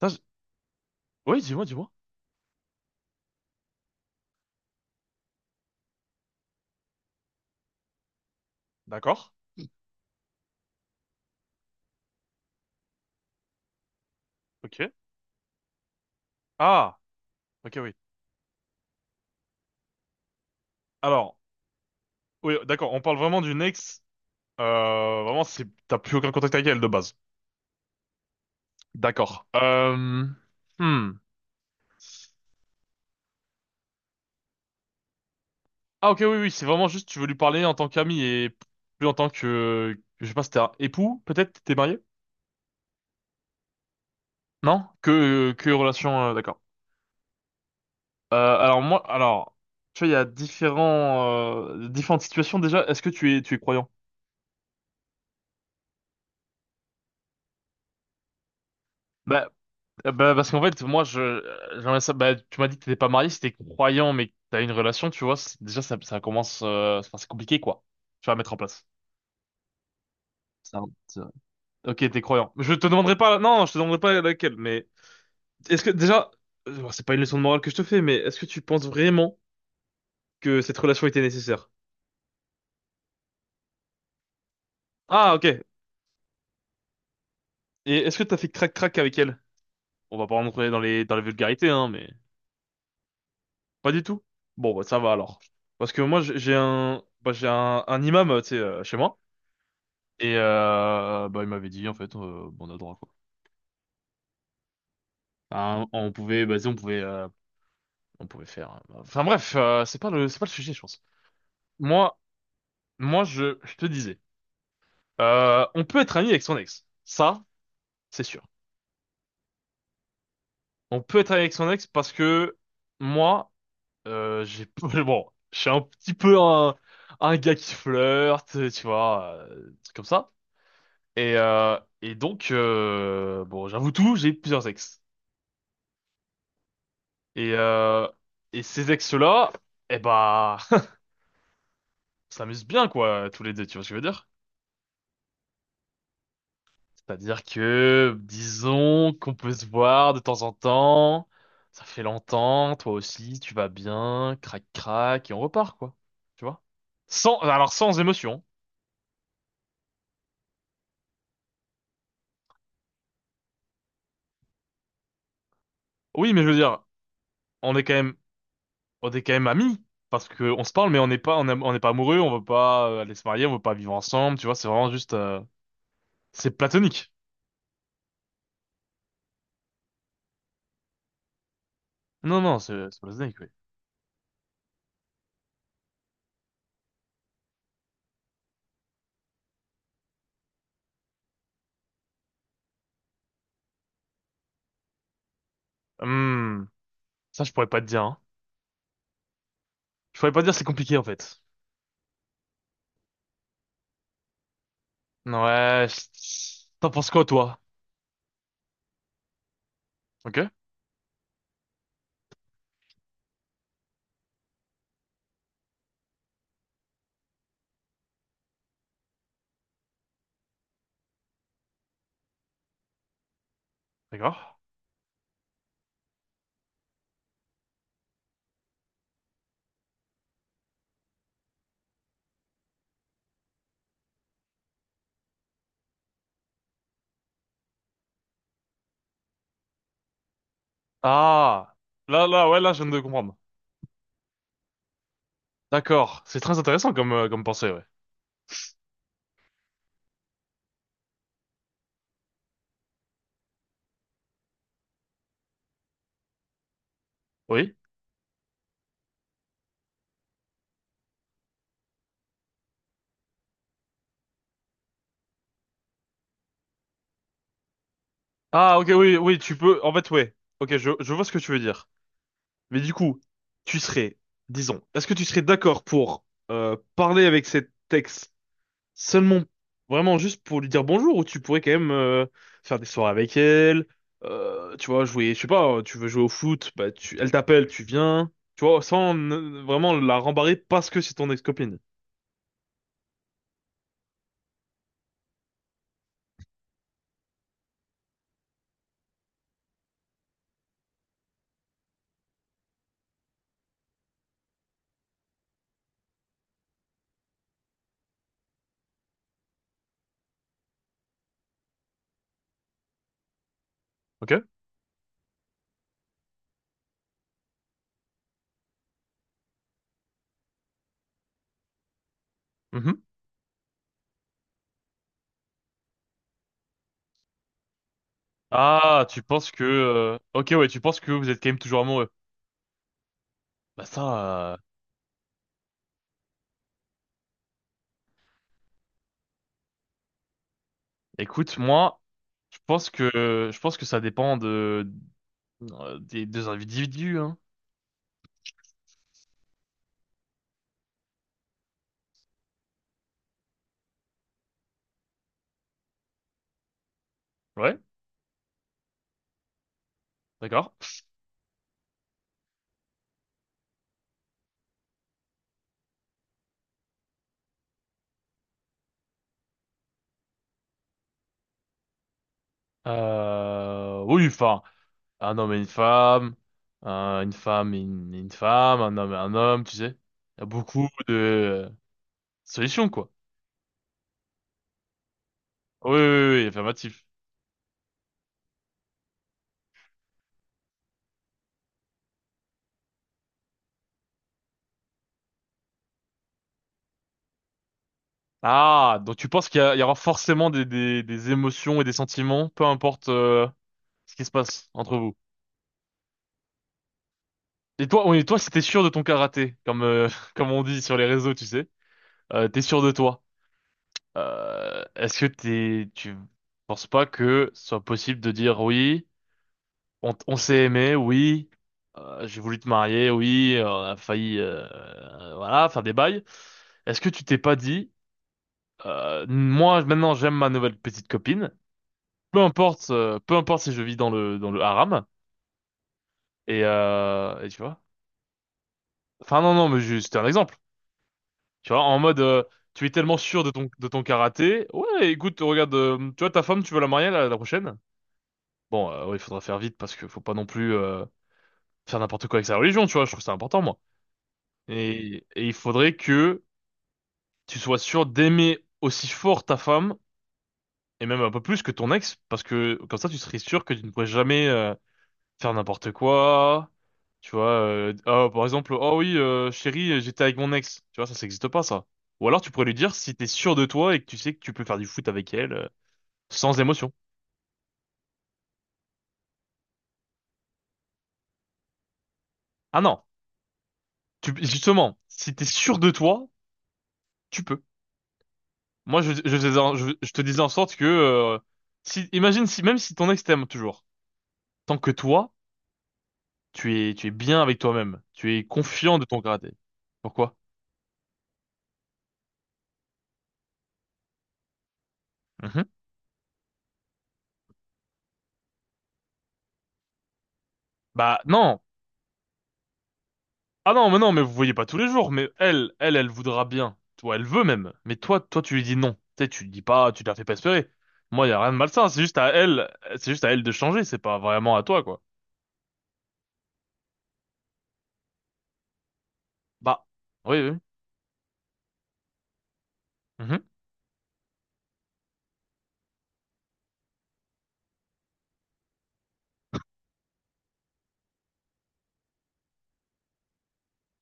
Ça, je- Oui, dis-moi, dis-moi. D'accord. Ok. Ah, ok, oui. Alors, oui, d'accord, on parle vraiment d'une ex. Vraiment, c'est, t'as plus aucun contact avec elle de base. D'accord. Hmm. Ah, ok, oui, oui, c'est vraiment juste, tu veux lui parler en tant qu'ami et plus en tant que, je sais pas, c'était un époux, peut-être, t'es marié? Non? Que relation, d'accord. Alors moi, alors, tu vois, il y a différentes situations déjà. Est-ce que tu es croyant? Bah. Bah, parce qu'en fait, moi, j'aimerais ça, bah, tu m'as dit que t'étais pas marié, si t'es croyant, mais que t'as une relation, tu vois, déjà, ça commence, enfin, c'est compliqué, quoi. Tu vas mettre en place. C'est vrai, c'est vrai. Ok, t'es croyant. Je te demanderai pas, non, je te demanderai pas laquelle, mais est-ce que, déjà, bon, c'est pas une leçon de morale que je te fais, mais est-ce que tu penses vraiment que cette relation était nécessaire? Ah, ok. Et est-ce que t'as fait crac-crac avec elle? On va pas rentrer dans les vulgarités, hein, mais pas du tout. Bon, bah, ça va alors. Parce que moi, j'ai un, bah, j'ai un imam, tu sais, chez moi. Et bah, il m'avait dit, en fait, bon, on a droit, quoi. Enfin, on pouvait, vas-y, on pouvait faire. Enfin, bref, c'est pas le sujet, je pense. Moi, je te disais, on peut être ami avec son ex. Ça, c'est sûr. On peut être ami avec son ex parce que moi, j'ai, bon, je suis un petit peu un gars qui flirte, tu vois, truc comme ça. Et, euh, et donc, bon, j'avoue tout, j'ai plusieurs ex. Et, euh, et ces ex-là, eh bah, on s'amuse bien, quoi, tous les deux, tu vois ce que je veux dire? C'est-à-dire que, disons qu'on peut se voir de temps en temps, ça fait longtemps, toi aussi, tu vas bien, crac crac, et on repart, quoi. Tu vois? Sans, alors sans émotion. Oui, mais je veux dire, on est quand même, on est quand même amis, parce que on se parle, mais on n'est pas, on n'est pas amoureux, on veut pas aller se marier, on veut pas vivre ensemble, tu vois, c'est vraiment juste, c'est platonique. Non, non, c'est platonique, oui. Hum. Ça, je pourrais pas te dire, hein. Je pourrais pas te dire, c'est compliqué, en fait. Ouais, je- T'en penses quoi, toi? Ok, d'accord. Ah, là, là, ouais, là, je viens de comprendre. D'accord, c'est très intéressant comme, comme pensée, ouais. Oui? Ah, ok, oui, oui, tu peux, en fait, ouais. Ok, je vois ce que tu veux dire. Mais du coup, tu serais, disons, est-ce que tu serais d'accord pour parler avec cet ex seulement, vraiment juste pour lui dire bonjour, ou tu pourrais quand même faire des soirées avec elle, tu vois, jouer, je sais pas, tu veux jouer au foot, bah tu, elle t'appelle, tu viens, tu vois, sans vraiment la rembarrer parce que c'est ton ex-copine. Ok? Mhm. Ok, ouais, tu penses que vous êtes quand même toujours amoureux. Bah ça, euh, Écoute, moi, je pense que je pense que ça dépend de des deux individus, hein. Ouais, d'accord. Oui, enfin. Un homme et une femme, une femme et une femme, un homme et un homme, tu sais. Il y a beaucoup de solutions, quoi. Oui, oui, oui, oui, affirmatif. Ah, donc tu penses qu'il y, a- il y aura forcément des émotions et des sentiments, peu importe ce qui se passe entre vous. Et toi, oui, et toi, si t'es sûr de ton karaté, comme comme on dit sur les réseaux, tu sais, t'es sûr de toi. Tu penses pas que ce soit possible de dire oui? On s'est aimé, oui. J'ai voulu te marier, oui. On a failli, voilà, faire des bails. Est-ce que tu t'es pas dit, moi maintenant j'aime ma nouvelle petite copine. Peu importe si je vis dans le haram. Et tu vois. Enfin non non, mais juste c'était un exemple. Tu vois, en mode, tu es tellement sûr de ton karaté. Ouais, écoute, regarde, tu vois ta femme, tu veux la marier la prochaine? Bon, ouais, il faudra faire vite parce que faut pas non plus faire n'importe quoi avec sa religion. Tu vois, je trouve ça important, moi. Et il faudrait que tu sois sûr d'aimer aussi fort ta femme, et même un peu plus que ton ex, parce que comme ça tu serais sûr que tu ne pourrais jamais faire n'importe quoi. Tu vois, ah, par exemple, oh oui, chérie, j'étais avec mon ex. Tu vois, ça n'existe pas, ça. Ou alors tu pourrais lui dire si t'es sûr de toi et que tu sais que tu peux faire du foot avec elle sans émotion. Ah non, tu, justement, si t'es sûr de toi, tu peux. Moi, je te disais en sorte que, si, imagine si, même si ton ex t'aime toujours, tant que toi, tu es, tu es bien avec toi-même. Tu es confiant de ton karaté. Pourquoi? Mhm. Bah non. Ah non, mais non, mais vous voyez pas tous les jours. Mais elle, elle, elle voudra bien. Toi, elle veut même. Mais toi, toi, tu lui dis non. Tu sais, tu lui dis pas, tu la fais pas espérer. Moi, y a rien de malsain. C'est juste à elle, c'est juste à elle de changer. C'est pas vraiment à toi, quoi. Bah, oui, oui. Mhm.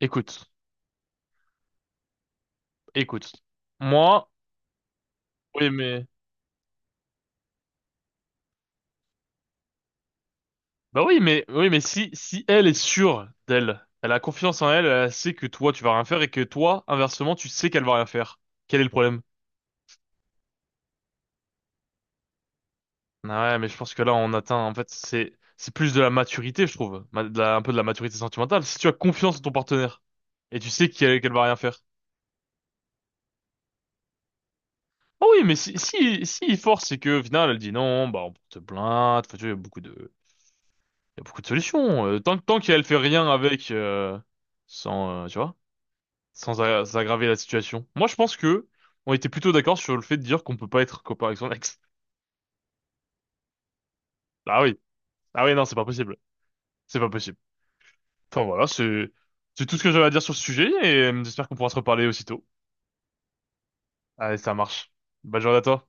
Écoute, écoute. Moi, oui, mais. Bah oui, mais si si elle est sûre d'elle, elle a confiance en elle, elle sait que toi tu vas rien faire et que toi, inversement, tu sais qu'elle va rien faire. Quel est le problème? Ah ouais, mais je pense que là on atteint en fait c'est plus de la maturité, je trouve, un peu de la maturité sentimentale. Si tu as confiance en ton partenaire et tu sais qu'elle va rien faire. Ah oui, mais si il force c'est que au final elle dit non, bah on porte plainte, enfin, tu vois, il y a beaucoup de il y a beaucoup de solutions. Tant qu'elle fait rien avec sans tu vois. Sans a- sans aggraver la situation. Moi, je pense que on était plutôt d'accord sur le fait de dire qu'on peut pas être copain avec son ex. Ah oui, ah oui, non, c'est pas possible, c'est pas possible. Enfin voilà, c'est tout ce que j'avais à dire sur ce sujet et j'espère qu'on pourra se reparler aussitôt. Allez, ça marche. Bonne journée à toi.